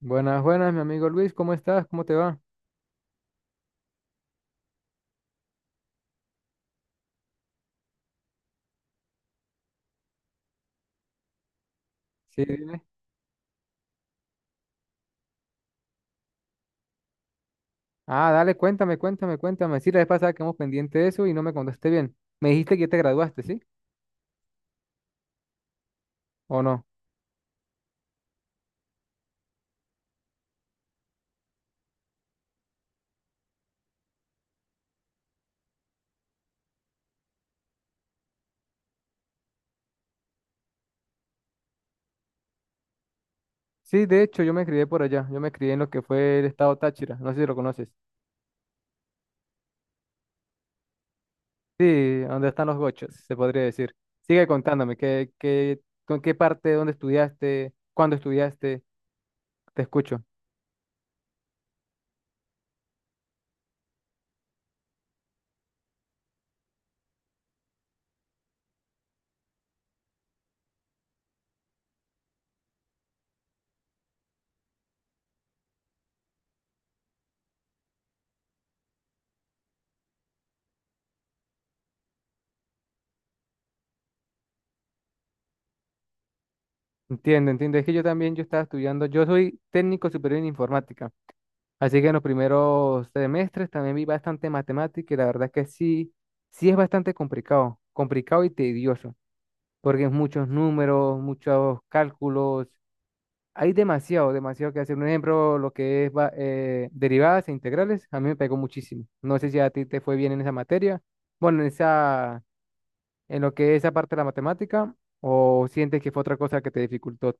Buenas, buenas, mi amigo Luis, ¿cómo estás? ¿Cómo te va? Sí, dime. Ah, dale, cuéntame, cuéntame, cuéntame. Sí, la vez pasada quedamos pendiente de eso y no me contaste bien. Me dijiste que ya te graduaste, ¿sí? ¿O no? Sí, de hecho, yo me crié por allá. Yo me crié en lo que fue el estado Táchira. No sé si lo conoces. Sí, donde están los gochos, se podría decir. Sigue contándome, con qué parte, dónde estudiaste, cuándo estudiaste? Te escucho. Entiendo, entiendo. Es que yo también, yo estaba estudiando, yo soy técnico superior en informática. Así que en los primeros semestres también vi bastante matemática y la verdad es que sí, sí es bastante complicado, complicado y tedioso, porque es muchos números, muchos cálculos, hay demasiado, demasiado que hacer. Un ejemplo, lo que es derivadas e integrales, a mí me pegó muchísimo. No sé si a ti te fue bien en esa materia, bueno, en esa, en lo que es esa parte de la matemática, o sientes que fue otra cosa que te dificultó.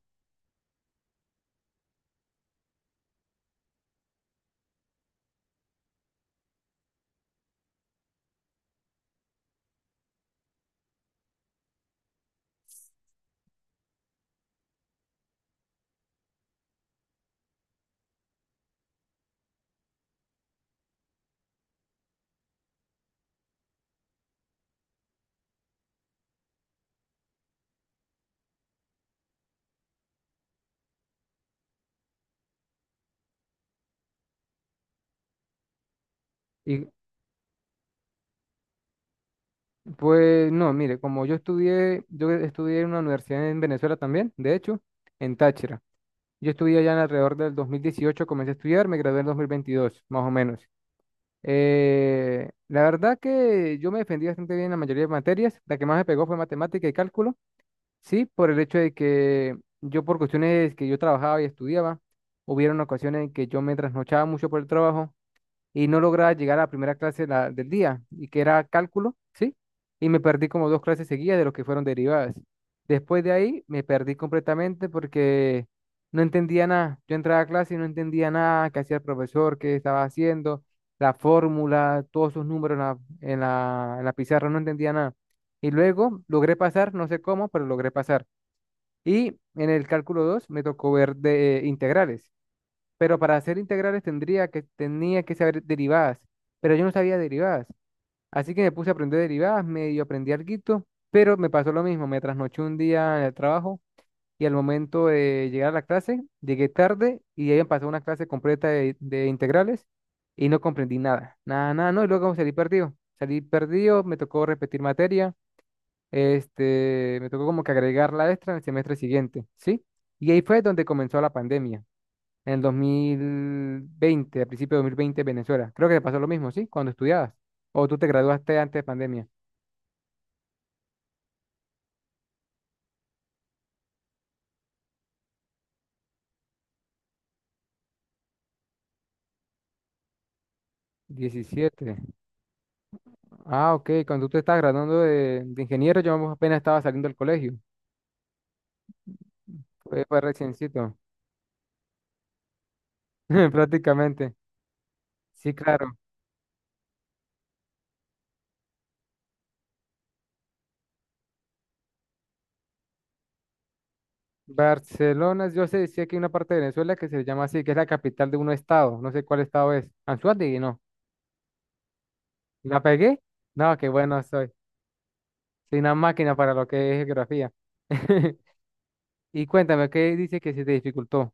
Y Pues no, mire, como yo estudié en una universidad en Venezuela también, de hecho, en Táchira. Yo estudié allá en alrededor del 2018 comencé a estudiar, me gradué en 2022, más o menos. La verdad que yo me defendí bastante bien en la mayoría de materias, la que más me pegó fue matemática y cálculo, sí, por el hecho de que yo por cuestiones que yo trabajaba y estudiaba, hubieron ocasiones en que yo me trasnochaba mucho por el trabajo y no lograba llegar a la primera clase del día, y que era cálculo, ¿sí? Y me perdí como 2 clases seguidas de lo que fueron derivadas. Después de ahí me perdí completamente porque no entendía nada. Yo entraba a clase y no entendía nada, qué hacía el profesor, qué estaba haciendo, la fórmula, todos sus números en la pizarra, no entendía nada. Y luego logré pasar, no sé cómo, pero logré pasar. Y en el cálculo 2 me tocó ver de integrales, pero para hacer integrales tenía que saber derivadas, pero yo no sabía derivadas. Así que me puse a aprender derivadas, medio aprendí alguito, pero me pasó lo mismo, me trasnoché un día en el trabajo y al momento de llegar a la clase, llegué tarde y ahí me pasó una clase completa de integrales y no comprendí nada, nada, nada, no, y luego salí perdido, me tocó repetir materia, me tocó como que agregar la extra en el semestre siguiente, ¿sí? Y ahí fue donde comenzó la pandemia. En el 2020, a principios de 2020, Venezuela. Creo que te pasó lo mismo, ¿sí? Cuando estudiabas. O tú te graduaste antes de pandemia. 17. Ah, ok. Cuando tú te estabas graduando de ingeniero, yo apenas estaba saliendo del colegio. Fue reciencito, prácticamente. Sí, claro. Barcelona, yo sé, sí que hay una parte de Venezuela que se llama así, que es la capital de un estado. No sé cuál estado es. Anzoátegui, no. ¿La pegué? No, qué bueno soy. Soy una máquina para lo que es geografía. Y cuéntame, ¿qué dice que se te dificultó?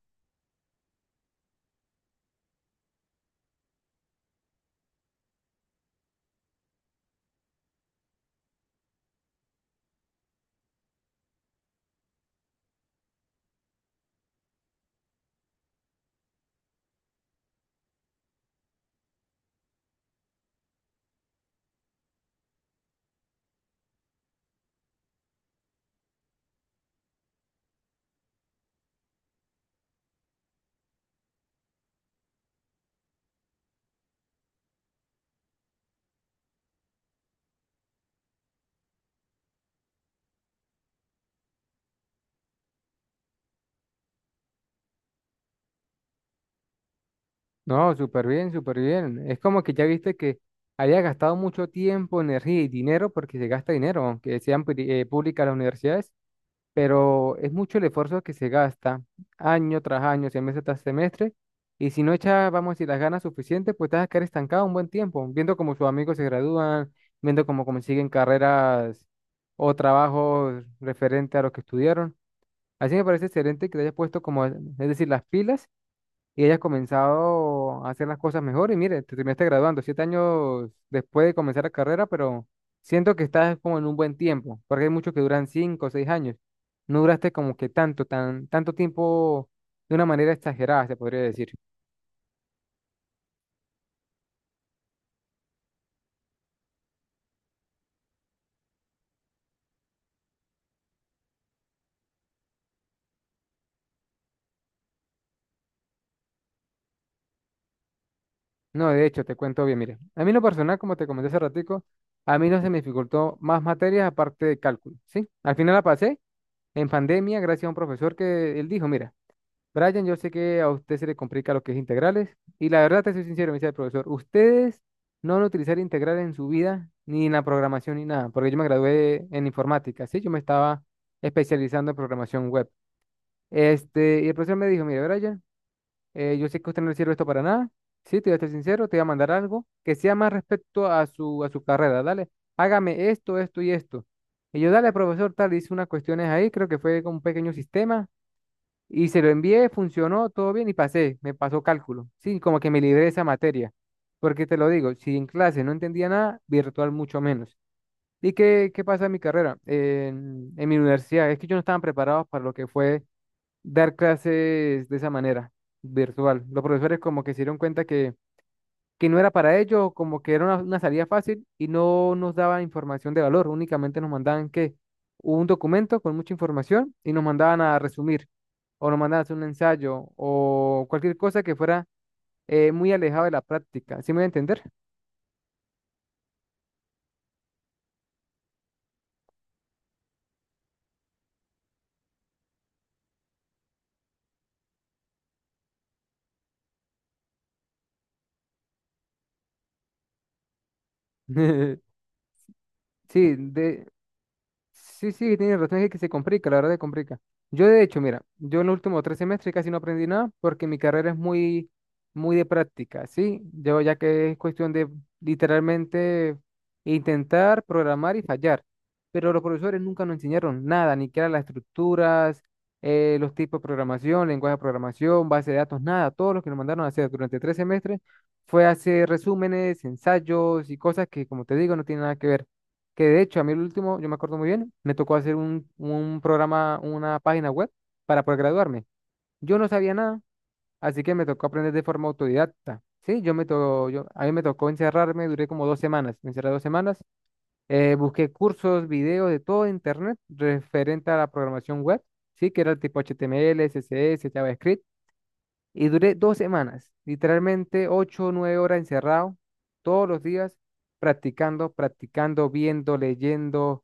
No, súper bien, súper bien. Es como que ya viste que había gastado mucho tiempo, energía y dinero, porque se gasta dinero, aunque sean públicas las universidades, pero es mucho el esfuerzo que se gasta año tras año, semestre tras semestre, y si no echas, vamos a decir, las ganas suficientes, pues te vas a quedar estancado un buen tiempo, viendo cómo sus amigos se gradúan, viendo cómo consiguen carreras o trabajos referente a lo que estudiaron. Así me parece excelente que te hayas puesto como, es decir, las pilas y hayas comenzado a hacer las cosas mejor. Y mire, te terminaste graduando 7 años después de comenzar la carrera, pero siento que estás como en un buen tiempo, porque hay muchos que duran 5 o 6 años. No duraste como que tanto, tanto tiempo de una manera exagerada, se podría decir. No, de hecho, te cuento bien, mire. A mí en lo personal, como te comenté hace ratico, a mí no se me dificultó más materias aparte de cálculo, ¿sí? Al final la pasé en pandemia gracias a un profesor que él dijo, mira, Brian, yo sé que a usted se le complica lo que es integrales y la verdad te soy sincero, me dice el profesor, ustedes no van a utilizar integrales en su vida, ni en la programación, ni nada, porque yo me gradué en informática, ¿sí? Yo me estaba especializando en programación web. Y el profesor me dijo, mire, Brian, yo sé que usted no le sirve esto para nada, sí, te voy a ser sincero, te voy a mandar algo que sea más respecto a su carrera, dale, hágame esto, esto y esto. Y yo, dale, profesor, tal, hice unas cuestiones ahí, creo que fue como un pequeño sistema y se lo envié, funcionó, todo bien y pasé, me pasó cálculo. Sí, como que me libré de esa materia. Porque te lo digo, si en clase no entendía nada, virtual mucho menos. ¿Y qué pasa en mi carrera? En mi universidad, es que yo no estaban preparados para lo que fue dar clases de esa manera, virtual. Los profesores como que se dieron cuenta que no era para ellos, como que era una salida fácil y no nos daban información de valor, únicamente nos mandaban que un documento con mucha información y nos mandaban a resumir o nos mandaban a hacer un ensayo o cualquier cosa que fuera muy alejado de la práctica. ¿Sí me voy a entender? Sí. Sí, sí, tienes razón, es que se complica, la verdad se complica. Yo de hecho, mira, yo en los últimos 3 semestres casi no aprendí nada porque mi carrera es muy, muy de práctica, ¿sí? Yo ya que es cuestión de literalmente intentar programar y fallar, pero los profesores nunca nos enseñaron nada, ni qué eran las estructuras, los tipos de programación, lenguaje de programación, base de datos, nada. Todo lo que nos mandaron a hacer durante 3 semestres fue hacer resúmenes, ensayos y cosas que, como te digo, no tienen nada que ver. Que de hecho, a mí el último, yo me acuerdo muy bien, me tocó hacer un programa, una página web para poder graduarme. Yo no sabía nada, así que me tocó aprender de forma autodidacta. Sí, yo me to yo, a mí me tocó encerrarme, duré como 2 semanas, me encerré 2 semanas, busqué cursos, videos de todo internet referente a la programación web, sí, que era el tipo HTML, CSS, JavaScript. Y duré 2 semanas, literalmente 8 o 9 horas encerrado, todos los días, practicando, practicando, viendo, leyendo,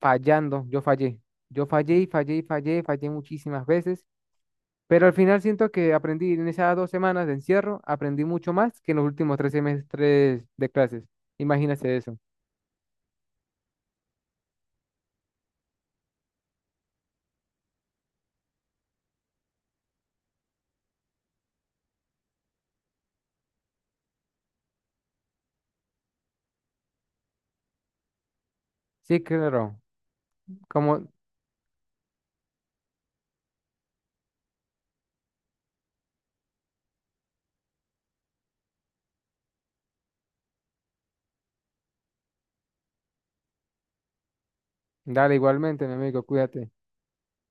fallando. Yo fallé. Yo fallé y fallé y fallé, fallé muchísimas veces. Pero al final siento que aprendí en esas 2 semanas de encierro, aprendí mucho más que en los últimos 3 semestres de clases. Imagínate eso. Sí, claro. Como, dale igualmente, mi amigo, cuídate.